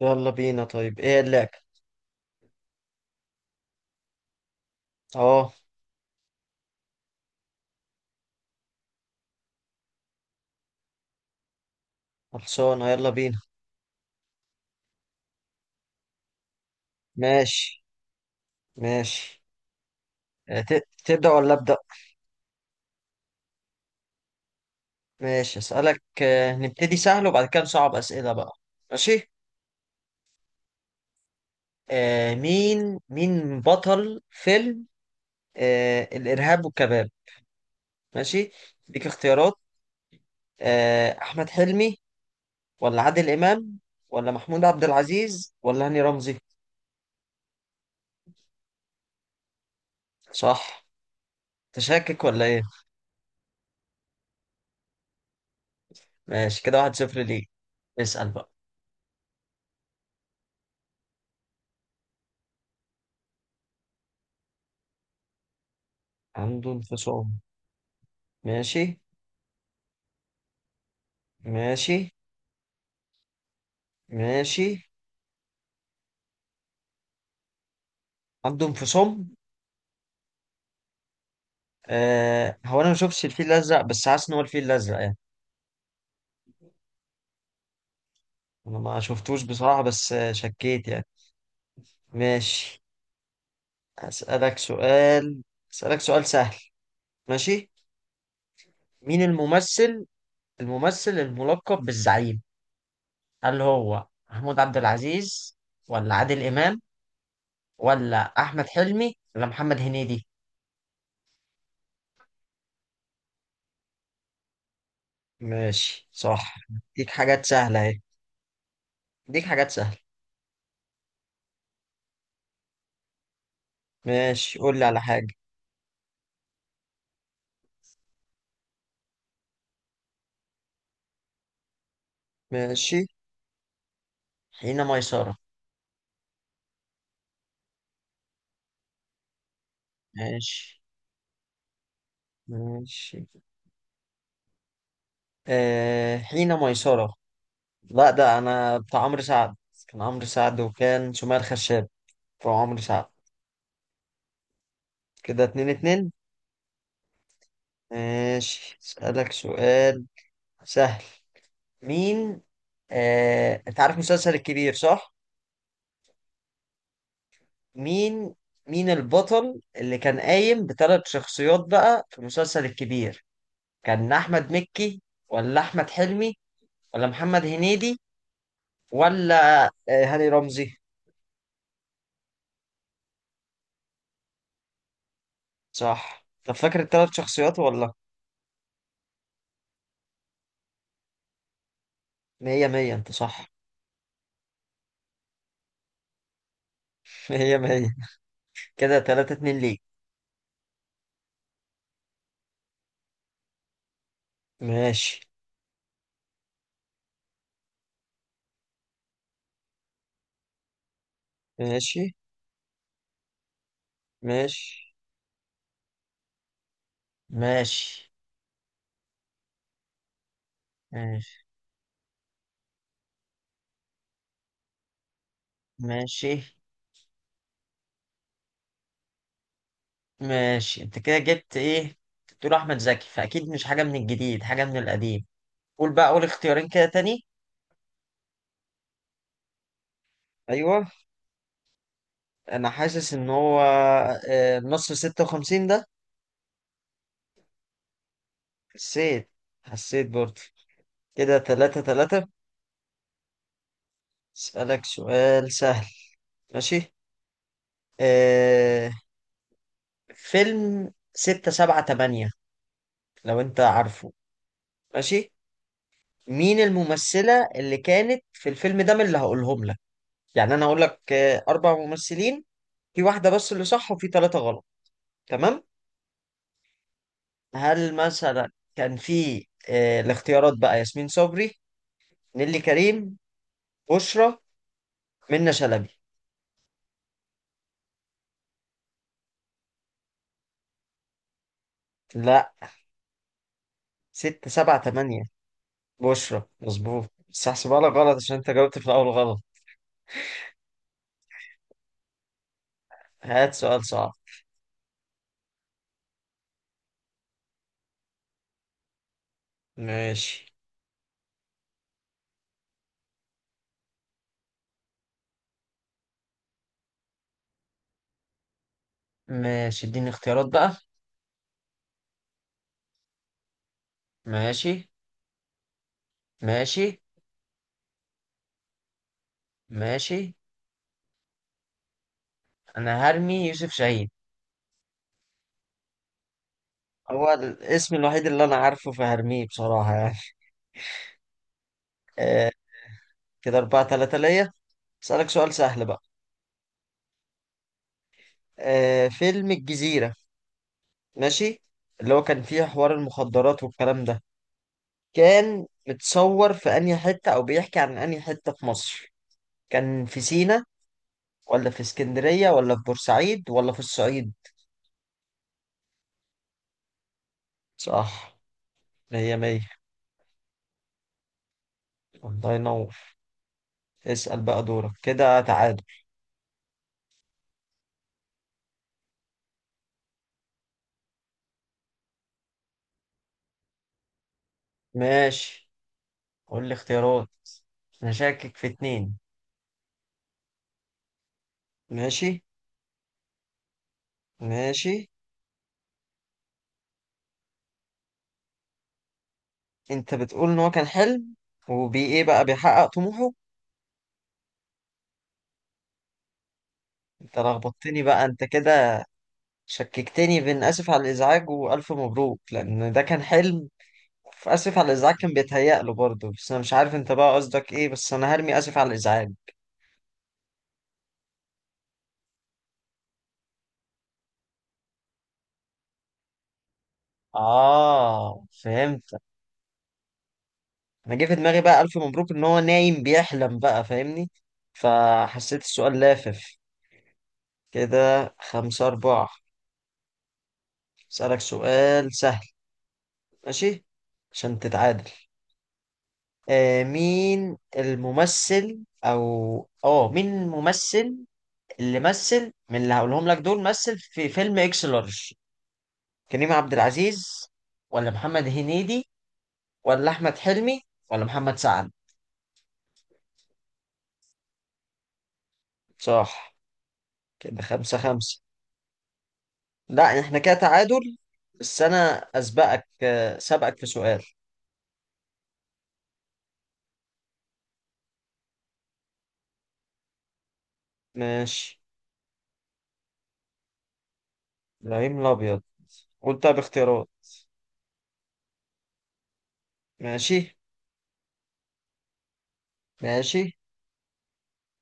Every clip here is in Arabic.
يلا بينا. طيب ايه اللعب؟ اه. خلصانه، يلا بينا. ماشي. ماشي. تبدأ ولا أبدأ؟ ماشي، أسألك. نبتدي سهل وبعد كده نصعب أسئلة بقى. ماشي. مين بطل فيلم الإرهاب والكباب؟ ماشي، ديك اختيارات. أحمد حلمي، ولا عادل إمام، ولا محمود عبد العزيز، ولا هاني رمزي؟ صح. تشكك ولا ايه؟ ماشي، كده واحد صفر ليه. اسأل بقى. عنده انفصام. ماشي. ماشي. ماشي. عنده انفصام. آه، هو انا ما شفتش الفيل الازرق بس حاسس ان هو الفيل الازرق يعني. انا ما شفتوش بصراحة، بس شكيت يعني. ماشي. اسالك سؤال. اسالك سؤال سهل. ماشي. مين الممثل الممثل الملقب بالزعيم؟ هل هو محمود عبد العزيز، ولا عادل امام، ولا احمد حلمي، ولا محمد هنيدي؟ ماشي، صح. ديك حاجات سهلة اهي. ديك حاجات سهلة. ماشي، قول لي على حاجة. ماشي. حين ميسرة. ماشي. ماشي. آه، حين ميسرة. لا، ده أنا بتاع عمرو سعد. كان عمرو سعد وكان سمية الخشاب، بتوع عمرو سعد. كده اتنين اتنين. ماشي أسألك سؤال سهل. مين؟ آه، أنت عارف مسلسل الكبير صح؟ مين مين البطل اللي كان قايم بثلاث شخصيات بقى في مسلسل الكبير؟ كان أحمد مكي، ولا أحمد حلمي، ولا محمد هنيدي، ولا هاني رمزي؟ صح. طب فاكر الثلاث شخصيات ولا؟ مية مية، انت صح. مية مية. كده تلاتة اتنين ليك. ماشي. ماشي. ماشي. ماشي. ماشي. ماشي. ماشي انت كده جبت ايه. تقول احمد زكي فاكيد مش حاجة من الجديد، حاجة من القديم. قول بقى اول اختيارين كده تاني. ايوه. انا حاسس ان هو نص ستة وخمسين ده. حسيت. حسيت برضه. كده تلاتة تلاتة. اسألك سؤال سهل. ماشي. آه، فيلم ستة سبعة تمانية، لو انت عارفه. ماشي. مين الممثلة اللي كانت في الفيلم ده من اللي هقولهم لك؟ يعني انا هقول لك اربع ممثلين، في واحدة بس اللي صح وفي ثلاثة غلط. تمام. هل مثلا كان في الاختيارات بقى ياسمين صبري، نيلي كريم، بشرى، منة شلبي؟ لا، ستة سبعة تمانية بشرى مظبوط، بس هحسبها لك غلط عشان انت جاوبت في الاول غلط. هات سؤال صعب. ماشي. ماشي اديني اختيارات بقى. ماشي. ماشي. ماشي. انا هرمي يوسف شاهين. هو الاسم الوحيد اللي انا عارفه فهرميه بصراحة يعني. آه. كده اربعة تلاتة ليا. اسألك سؤال سهل بقى. آه، فيلم الجزيرة. ماشي. اللي هو كان فيه حوار المخدرات والكلام ده، كان متصور في انهي حتة او بيحكي عن انهي حتة في مصر؟ كان في سينا، ولا في اسكندرية، ولا في بورسعيد، ولا في الصعيد؟ صح. مية مية. الله ينور. اسأل بقى دورك، كده تعادل. ماشي، قول لي اختيارات. انا شاكك في اتنين. ماشي. ماشي. انت بتقول ان هو كان حلم، وبي ايه بقى بيحقق طموحه؟ انت لخبطتني بقى انت كده. شككتني بين اسف على الازعاج والف مبروك، لان ده كان حلم في اسف على الازعاج، كان بيتهيأ له برضه. بس انا مش عارف انت بقى قصدك ايه، بس انا هرمي اسف على الازعاج. اه، فهمت. انا جه في دماغي بقى الف مبروك، ان هو نايم بيحلم بقى، فاهمني. فحسيت السؤال لافف. كده خمسة أربعة. أسألك سؤال سهل. ماشي. عشان تتعادل. آه مين الممثل أو مين الممثل اللي مثل من اللي هقولهم لك دول مثل في فيلم إكس لارج؟ كريم عبد العزيز، ولا محمد هنيدي، ولا أحمد حلمي، ولا محمد سعد؟ صح. كده خمسة خمسة. لا، إحنا كده تعادل. بس أنا أسبقك سبقك في سؤال. ماشي. إبراهيم الأبيض. قول طب اختيارات. ماشي. ماشي.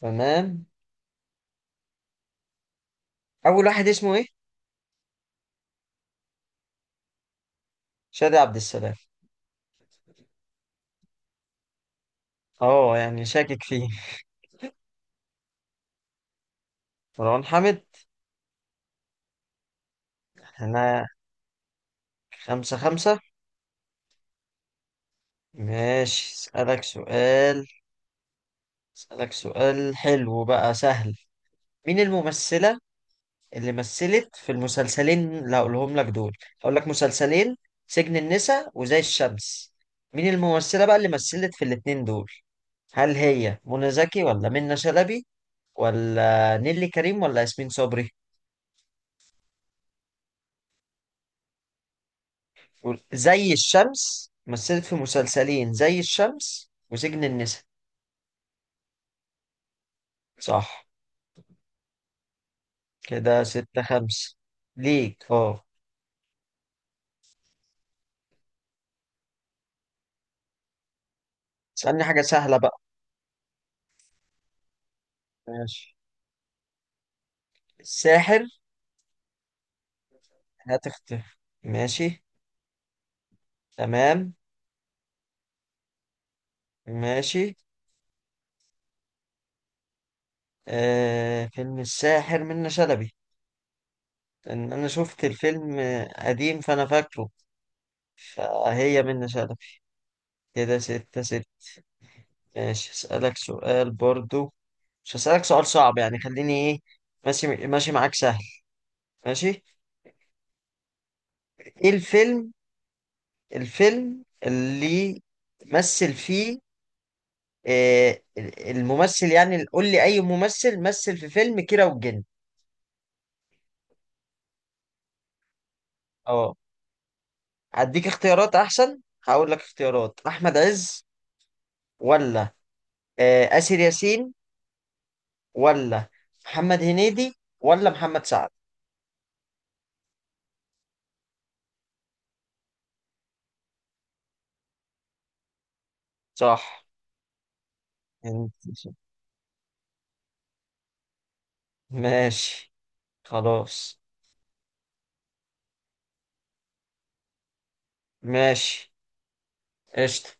تمام. اول واحد اسمه ايه؟ شادي عبد السلام. اه، يعني شاكك فيه. مروان حامد. احنا خمسة خمسة. ماشي اسألك سؤال. اسألك سؤال حلو بقى سهل. مين الممثلة اللي مثلت في المسلسلين اللي هقولهم لك دول؟ هقول لك مسلسلين: سجن النساء وزي الشمس. مين الممثلة بقى اللي مثلت في الاتنين دول؟ هل هي منى زكي، ولا منى شلبي، ولا نيلي كريم، ولا ياسمين صبري؟ قول. زي الشمس مثلت في مسلسلين، زي الشمس وسجن النساء. صح. كده ستة خمسة ليك، اه. اسألني حاجة سهلة بقى. ماشي. الساحر. هتختفي. ماشي. تمام. ماشي. آه، فيلم الساحر منة شلبي. لأن أنا شفت الفيلم قديم فأنا فاكره. فهي منة شلبي. كده ستة ستة. ماشي أسألك سؤال برضو. مش هسألك سؤال صعب يعني، خليني إيه، ماشي ماشي معاك سهل. ماشي. ايه الفيلم الفيلم اللي مثل فيه آه، الممثل، يعني قول لي اي ممثل مثل في فيلم كيرة والجن؟ اه. هديك اختيارات احسن. هقول لك اختيارات: احمد عز، ولا آسر ياسين، ولا محمد هنيدي، ولا محمد سعد؟ صح. انت- ماشي. خلاص. ماشي. قشطة.